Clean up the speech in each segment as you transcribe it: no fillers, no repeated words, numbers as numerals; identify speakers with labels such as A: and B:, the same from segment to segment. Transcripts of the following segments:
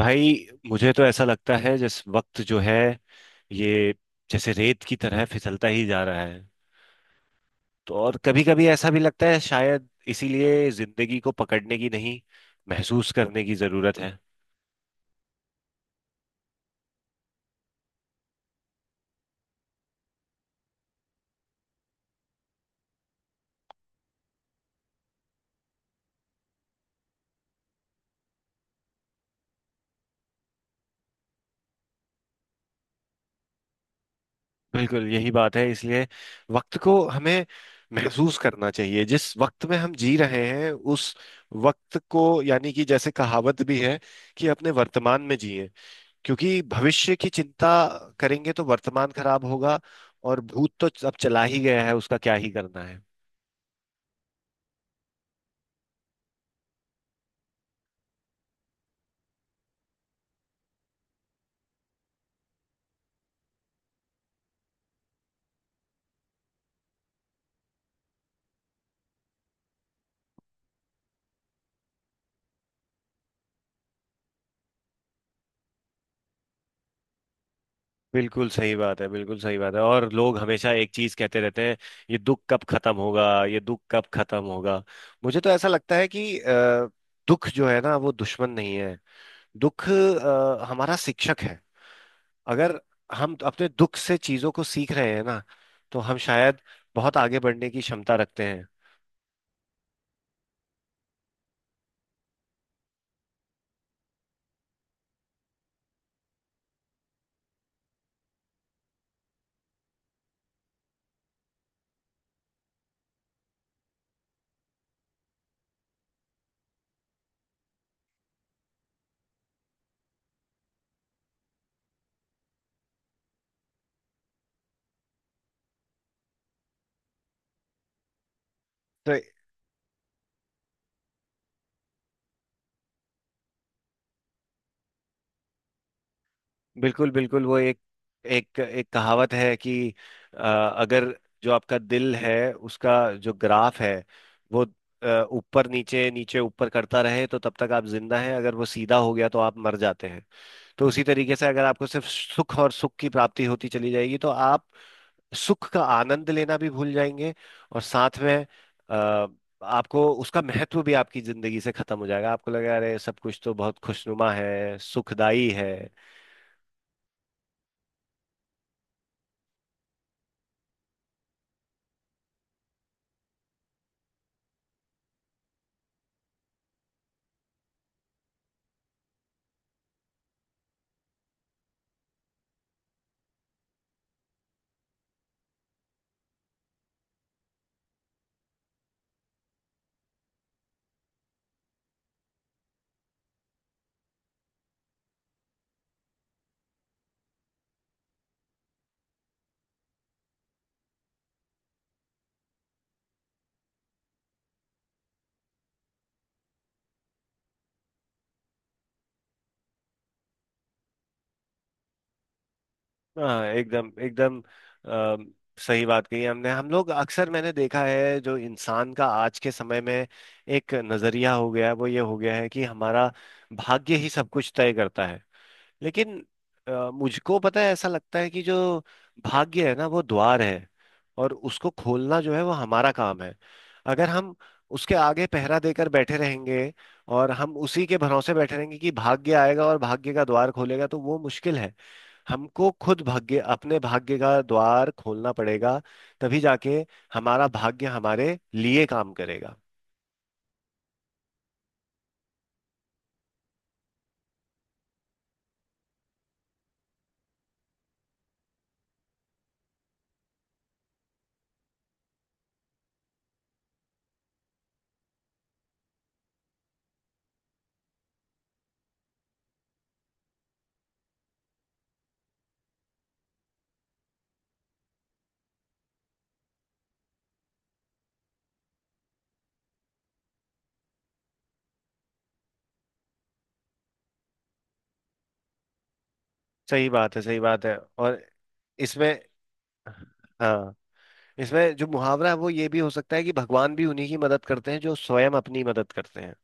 A: भाई, मुझे तो ऐसा लगता है जिस वक्त जो है, ये जैसे रेत की तरह फिसलता ही जा रहा है। तो और कभी कभी ऐसा भी लगता है, शायद इसीलिए जिंदगी को पकड़ने की नहीं, महसूस करने की जरूरत है। बिल्कुल यही बात है, इसलिए वक्त को हमें महसूस करना चाहिए जिस वक्त में हम जी रहे हैं उस वक्त को, यानी कि जैसे कहावत भी है कि अपने वर्तमान में जिए, क्योंकि भविष्य की चिंता करेंगे तो वर्तमान खराब होगा। और भूत तो अब चला ही गया है, उसका क्या ही करना है। बिल्कुल सही बात है, बिल्कुल सही बात है। और लोग हमेशा एक चीज कहते रहते हैं, ये दुख कब खत्म होगा, ये दुख कब खत्म होगा। मुझे तो ऐसा लगता है कि दुख जो है ना वो दुश्मन नहीं है। दुख हमारा शिक्षक है। अगर हम अपने दुख से चीजों को सीख रहे हैं ना, तो हम शायद बहुत आगे बढ़ने की क्षमता रखते हैं। तो बिल्कुल बिल्कुल वो एक एक एक कहावत है कि अगर जो आपका दिल है उसका जो ग्राफ है, वो अ, ऊपर नीचे नीचे ऊपर करता रहे तो तब तक आप जिंदा हैं। अगर वो सीधा हो गया तो आप मर जाते हैं। तो उसी तरीके से अगर आपको सिर्फ सुख और सुख की प्राप्ति होती चली जाएगी तो आप सुख का आनंद लेना भी भूल जाएंगे। और साथ में अ, आपको उसका महत्व भी आपकी जिंदगी से खत्म हो जाएगा। आपको लगेगा अरे, सब कुछ तो बहुत खुशनुमा है, सुखदाई है। हाँ, एकदम एकदम। अम, सही बात कही हमने। हम लोग अक्सर, मैंने देखा है, जो इंसान का आज के समय में एक नजरिया हो गया है, वो ये हो गया है कि हमारा भाग्य ही सब कुछ तय करता है। लेकिन मुझको पता है, ऐसा लगता है कि जो भाग्य है ना वो द्वार है, और उसको खोलना जो है वो हमारा काम है। अगर हम उसके आगे पहरा देकर बैठे रहेंगे और हम उसी के भरोसे बैठे रहेंगे कि भाग्य आएगा और भाग्य का द्वार खोलेगा, तो वो मुश्किल है। हमको खुद भाग्य, अपने भाग्य का द्वार खोलना पड़ेगा, तभी जाके हमारा भाग्य हमारे लिए काम करेगा। सही बात है, सही बात है। और इसमें हाँ। इसमें जो मुहावरा है वो ये भी हो सकता है कि भगवान भी उन्हीं की मदद करते हैं जो स्वयं अपनी मदद करते हैं।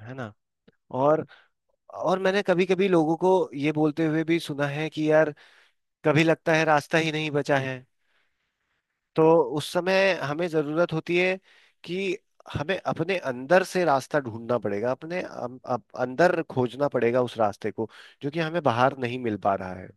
A: है ना। और मैंने कभी कभी लोगों को ये बोलते हुए भी सुना है कि यार, कभी लगता है रास्ता ही नहीं बचा है, तो उस समय हमें जरूरत होती है कि हमें अपने अंदर से रास्ता ढूंढना पड़ेगा। अपने अंदर खोजना पड़ेगा उस रास्ते को, जो कि हमें बाहर नहीं मिल पा रहा है।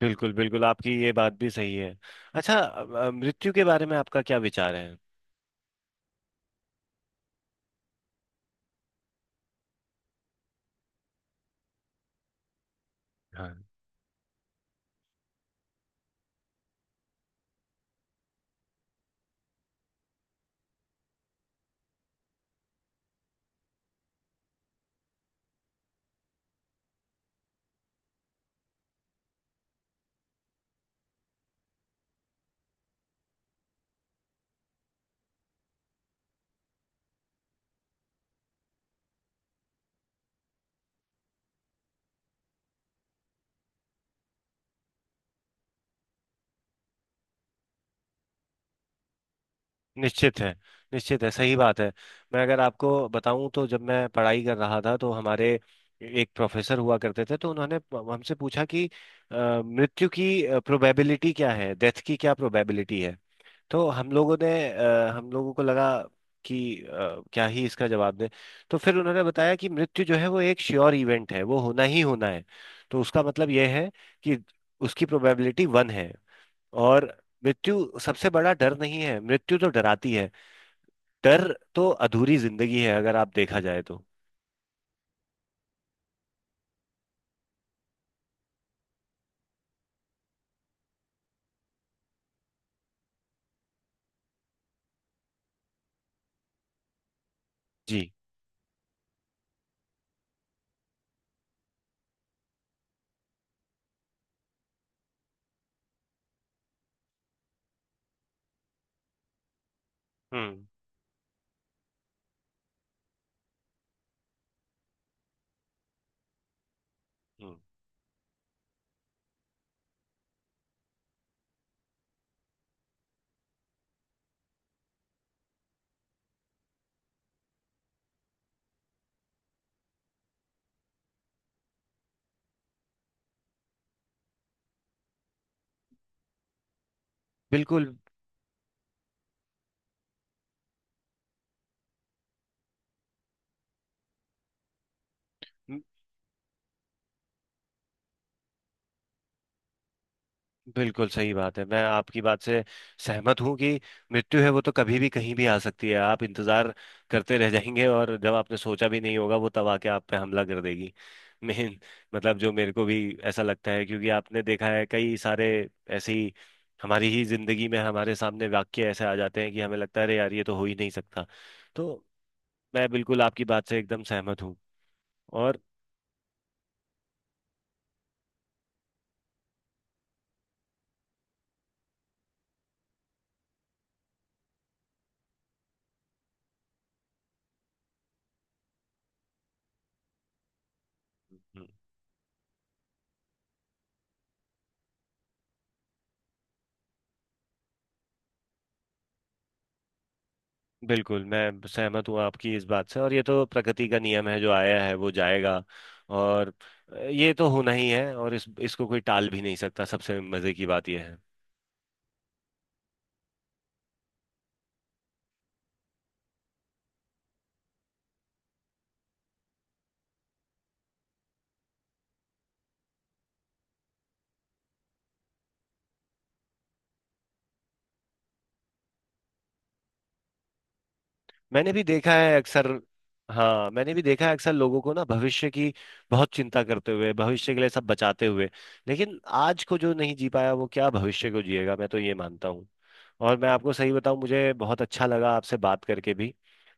A: बिल्कुल बिल्कुल, आपकी ये बात भी सही है। अच्छा, मृत्यु के बारे में आपका क्या विचार है? हाँ, निश्चित है। निश्चित है, सही बात है। मैं अगर आपको बताऊं तो जब मैं पढ़ाई कर रहा था तो हमारे एक प्रोफेसर हुआ करते थे। तो उन्होंने हमसे पूछा कि अ, मृत्यु की प्रोबेबिलिटी क्या है, डेथ की क्या प्रोबेबिलिटी है। तो हम लोगों को लगा कि क्या ही इसका जवाब दें। तो फिर उन्होंने बताया कि मृत्यु जो है वो एक श्योर इवेंट है, वो होना ही होना है। तो उसका मतलब यह है कि उसकी प्रोबेबिलिटी वन है। और मृत्यु सबसे बड़ा डर नहीं है, मृत्यु तो डराती है। डर तो अधूरी जिंदगी है, अगर आप देखा जाए तो। जी। हम्म, हम्म, बिल्कुल। म- बिल्कुल सही बात है। मैं आपकी बात से सहमत हूँ कि मृत्यु है वो तो कभी भी कहीं भी आ सकती है। आप इंतजार करते रह जाएंगे, और जब आपने सोचा भी नहीं होगा वो, तब आके आप पे हमला कर देगी। मेन मतलब जो मेरे को भी ऐसा लगता है, क्योंकि आपने देखा है कई सारे ऐसे ही हमारी ही जिंदगी में हमारे सामने वाक्य ऐसे आ जाते हैं कि हमें लगता है अरे यार, ये तो हो ही नहीं सकता। तो मैं बिल्कुल आपकी बात से एकदम सहमत हूँ। और हम्म, बिल्कुल, मैं सहमत हूँ आपकी इस बात से। और ये तो प्रकृति का नियम है, जो आया है वो जाएगा। और ये तो होना ही है, और इस इसको कोई टाल भी नहीं सकता। सबसे मजे की बात यह है, मैंने भी देखा है अक्सर। हाँ, मैंने भी देखा है अक्सर लोगों को ना भविष्य की बहुत चिंता करते हुए, भविष्य के लिए सब बचाते हुए। लेकिन आज को जो नहीं जी पाया वो क्या भविष्य को जिएगा, मैं तो ये मानता हूँ। और मैं आपको सही बताऊं, मुझे बहुत अच्छा लगा आपसे बात करके भी।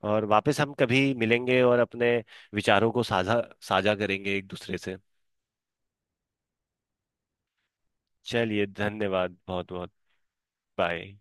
A: और वापस हम कभी मिलेंगे और अपने विचारों को साझा साझा करेंगे एक दूसरे से। चलिए, धन्यवाद बहुत बहुत। बाय।